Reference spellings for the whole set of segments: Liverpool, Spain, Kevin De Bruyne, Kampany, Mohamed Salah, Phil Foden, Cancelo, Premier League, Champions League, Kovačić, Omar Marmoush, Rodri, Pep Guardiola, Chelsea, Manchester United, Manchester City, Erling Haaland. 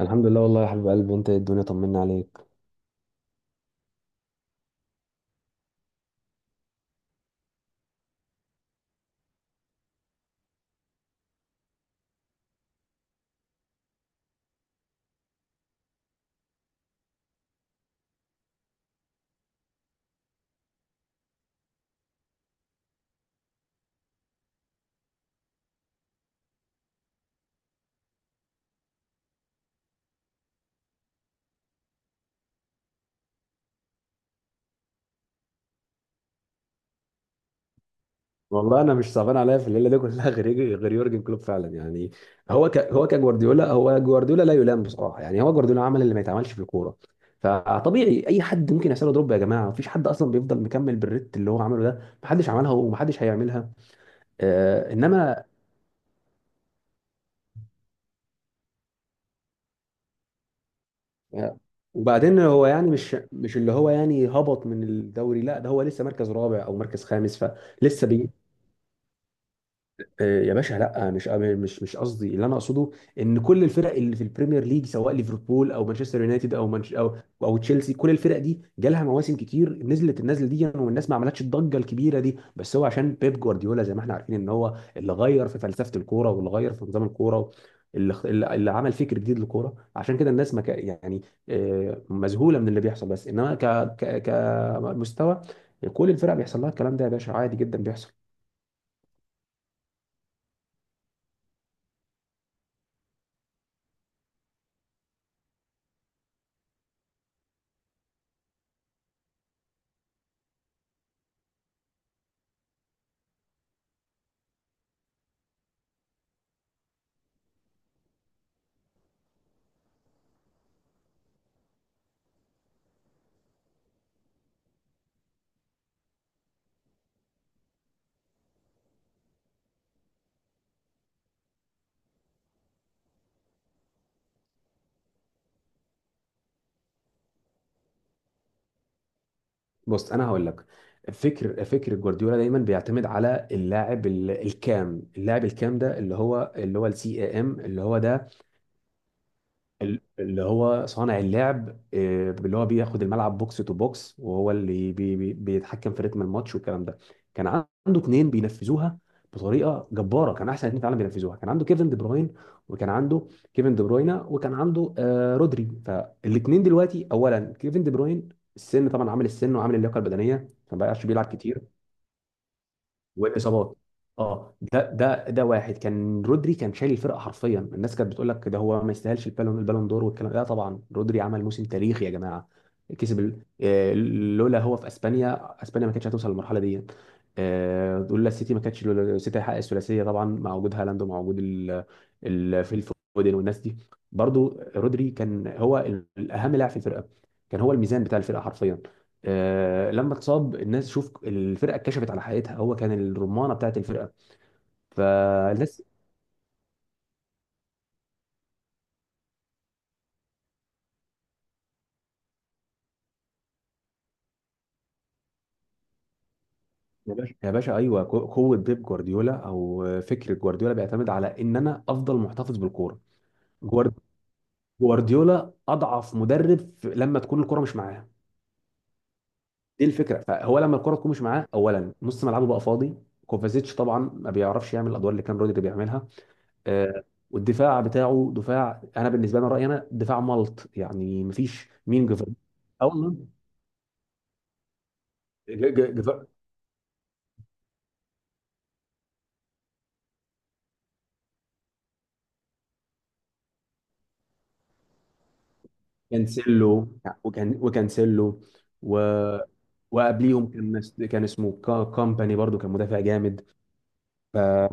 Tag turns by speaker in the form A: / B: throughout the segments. A: الحمد لله والله يا حبيب قلبي، انت ايه؟ الدنيا طمنا عليك. والله انا مش صعبان عليا في الليله دي كلها غير يورجن كلوب فعلا يعني. هو ك... هو كجوارديولا هو جوارديولا لا يلام بصراحه، يعني هو جوارديولا عمل اللي ما يتعملش في الكوره، فطبيعي اي حد ممكن يحصل له دروب. يا جماعه، مفيش حد اصلا بيفضل مكمل بالريت اللي هو عمله ده، محدش عملها ومحدش هيعملها. آه، انما آه، وبعدين هو يعني مش اللي هو يعني هبط من الدوري، لا ده هو لسه مركز رابع او مركز خامس فلسه. يا باشا لا، مش قصدي. اللي انا اقصده ان كل الفرق اللي في البريمير ليج، سواء ليفربول او مانشستر يونايتد او منش او او تشيلسي، كل الفرق دي جالها مواسم كتير نزلت النزله دي والناس ما عملتش الضجه الكبيره دي، بس هو عشان بيب جوارديولا، زي ما احنا عارفين، ان هو اللي غير في فلسفه الكوره واللي غير في نظام الكوره، اللي اخت- اللي اللي عمل فكر جديد للكوره. عشان كده الناس ما ك... يعني مذهوله من اللي بيحصل، بس انما كمستوى كل الفرق بيحصل لها الكلام ده يا باشا، عادي جدا بيحصل. بص انا هقول لك، فكر جوارديولا دايما بيعتمد على اللاعب الكام اللاعب الكام ده، اللي هو السي ام اللي هو ده، اللي هو صانع اللعب، اللي هو بياخد الملعب بوكس تو بوكس، وهو اللي بي بي بيتحكم في رتم الماتش والكلام ده. كان عنده اتنين بينفذوها بطريقه جباره، كان احسن اتنين في العالم بينفذوها. كان عنده كيفن دي بروين، وكان عنده كيفن دي بروينا، وكان عنده آه رودري. فالاتنين دلوقتي، اولا كيفن دي بروين، السن طبعا عامل، السن وعامل اللياقه البدنيه، فما بقاش بيلعب كتير. والاصابات اه، ده واحد. كان رودري كان شايل الفرقه حرفيا، الناس كانت بتقول لك ده هو ما يستاهلش البالون، البالون دور والكلام ده، طبعا رودري عمل موسم تاريخي يا جماعه. كسب لولا هو، في اسبانيا، اسبانيا ما كانتش هتوصل للمرحله دي، لولا السيتي ما كانتش، لولا السيتي هيحقق الثلاثيه طبعا، مع وجود هالاند ومع وجود ال فيل فودن والناس دي. برضو رودري كان هو الاهم لاعب في الفرقه، كان هو الميزان بتاع الفرقه حرفيا. لما اتصاب، الناس شوف الفرقه اتكشفت على حقيقتها، هو كان الرمانه بتاعت الفرقه. فالناس يا باشا ايوه، قوه بيب جوارديولا او فكر جوارديولا بيعتمد على ان انا افضل محتفظ بالكوره. جوار- جوارديولا اضعف مدرب لما تكون الكوره مش معاه، دي الفكره. فهو لما الكوره تكون مش معاه، اولا نص ملعبه بقى فاضي. كوفازيتش طبعا ما بيعرفش يعمل الادوار اللي كان رودري بيعملها، آه، والدفاع بتاعه دفاع، انا بالنسبه لي رايي انا دفاع ملط يعني، مفيش مين جفر. اه والله، ج- ج- جفار- كانسيلو، وكانسيلو، و وقبليهم كان كان اسمه كامباني برضو كان مدافع جامد. فانا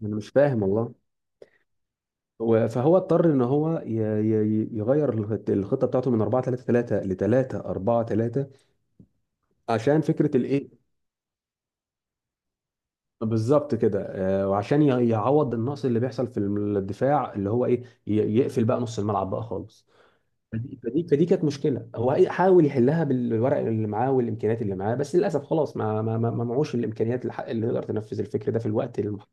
A: مش فاهم والله. فهو اضطر ان هو يغير الخطه بتاعته من 4 3 3 ل 3 4 3، عشان فكره الايه؟ بالظبط كده وعشان يعوض النقص اللي بيحصل في الدفاع، اللي هو ايه، يقفل بقى نص الملعب بقى خالص. فدي كانت مشكله هو حاول يحلها بالورق اللي معاه والامكانيات اللي معاه، بس للاسف خلاص ما معهوش الامكانيات اللي تقدر تنفذ الفكر ده في الوقت المحدد.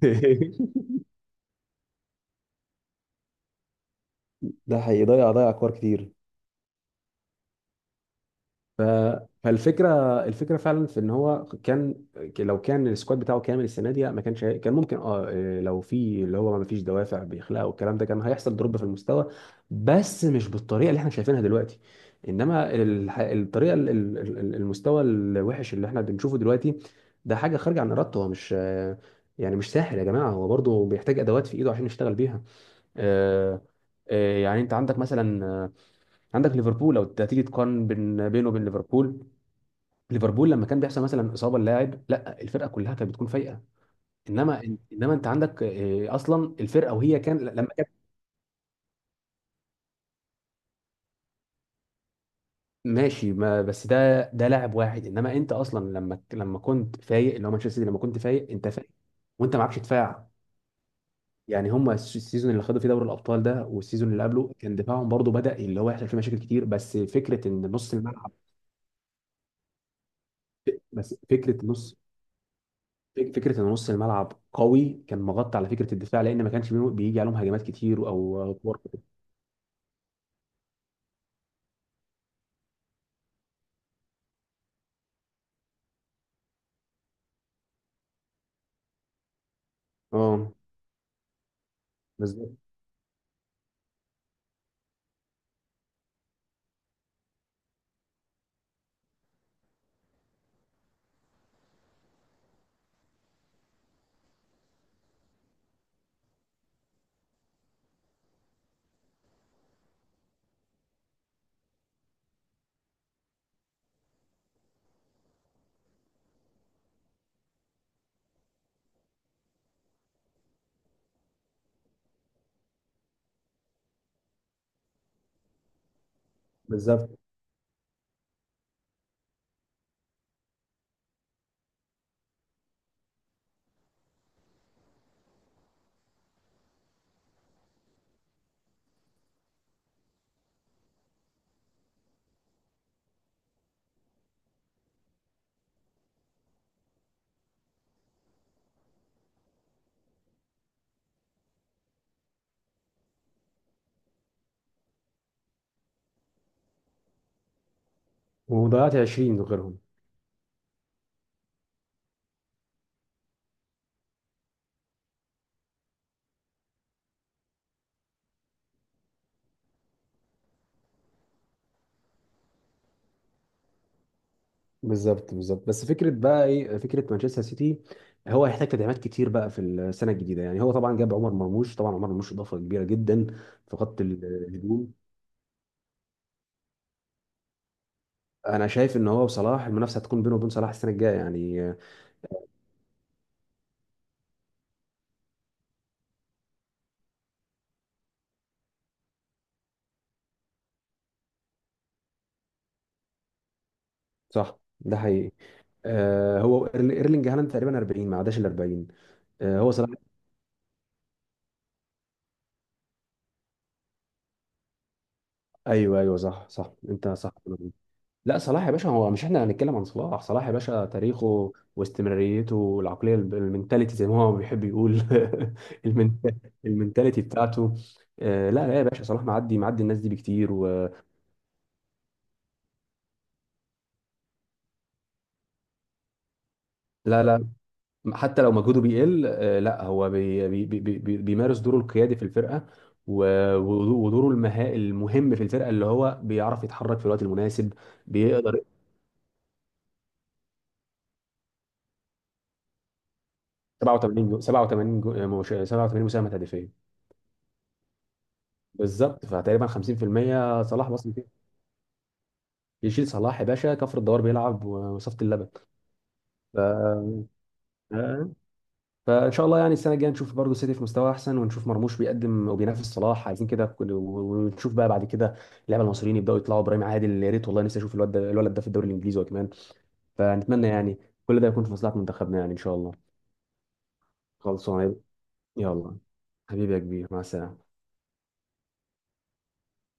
A: ده حقيقي، ضيع كور كتير. ف... فالفكره فعلا في ان هو كان، لو كان السكواد بتاعه كامل السنه دي ما كانش كان ممكن اه لو في اللي هو ما فيش دوافع بيخلقها والكلام ده، كان هيحصل دروب في المستوى، بس مش بالطريقه اللي احنا شايفينها دلوقتي. انما الح... الطريقه ال- ال- ال- المستوى الوحش اللي احنا بنشوفه دلوقتي، ده حاجه خارجه عن ارادته، هو مش يعني مش ساحر يا جماعه، هو برضه بيحتاج ادوات في ايده عشان يشتغل بيها. آه، يعني انت عندك مثلا عندك ليفربول، لو تيجي تقارن بينه وبين ليفربول. ليفربول لما كان بيحصل مثلا اصابه للاعب، لا الفرقه كلها كانت بتكون فايقه. انما انت عندك اصلا الفرقه وهي كان لما كانت. ماشي، ما بس ده لاعب واحد. انما انت اصلا لما كنت فايق، اللي هو مانشستر سيتي لما كنت فايق، انت فايق وانت معكش دفاع. يعني هم السيزون اللي خدوا فيه دوري الابطال ده والسيزون اللي قبله، كان دفاعهم برضو بدا اللي هو يحصل فيه مشاكل كتير، بس فكره ان نص الملعب، بس فكره نص فك- فكره ان نص الملعب قوي كان مغطى على فكره الدفاع، لان ما كانش بيجي عليهم هجمات كتير او كور. اه، بالظبط بالظبط. وضيعت 20 غيرهم. بالظبط. بس فكره بقى ايه فكره مانشستر سيتي، هو هيحتاج تدعيمات كتير بقى في السنه الجديده. يعني هو طبعا جاب عمر مرموش، طبعا عمر مرموش اضافه كبيره جدا في خط الهجوم. انا شايف ان هو وصلاح، المنافسه هتكون بينه وبين صلاح السنه الجايه يعني، صح، ده حقيقي. آه هو ايرلينج هالاند تقريبا 40، ما عداش ال 40. آه هو صلاح، ايوه ايوه صح صح انت صح. لا صلاح يا باشا هو مش، احنا هنتكلم عن صلاح؟ صلاح يا باشا تاريخه واستمراريته والعقليه المنتاليتي زي ما هو بيحب يقول. المنت- المنتاليتي بتاعته. لا لا يا باشا، صلاح معدي معدي الناس دي بكتير ولا. لا لا، حتى لو مجهوده بيقل، لا هو بي بي بي بي بيمارس دوره القيادي في الفرقه، و ودوره المهم في الفرقه، اللي هو بيعرف يتحرك في الوقت المناسب. بيقدر 87 مساهمه هدفيه. بالظبط، فتقريبا 50% صلاح بصل. يشيل صلاح يا باشا كفر الدوار بيلعب وصفة اللبن. ف... آه. فان شاء الله يعني السنه الجايه نشوف برضه سيتي في مستوى احسن، ونشوف مرموش بيقدم وبينافس صلاح، عايزين كده. ونشوف بقى بعد كده اللعيبه المصريين يبداوا يطلعوا، ابراهيم عادل يا ريت والله، نفسي اشوف الواد ده الولد ده في الدوري الانجليزي هو كمان. فنتمنى يعني كل ده يكون في مصلحه منتخبنا يعني، ان شاء الله. خلصانه، يلا. حبيبي يا كبير، مع السلامه.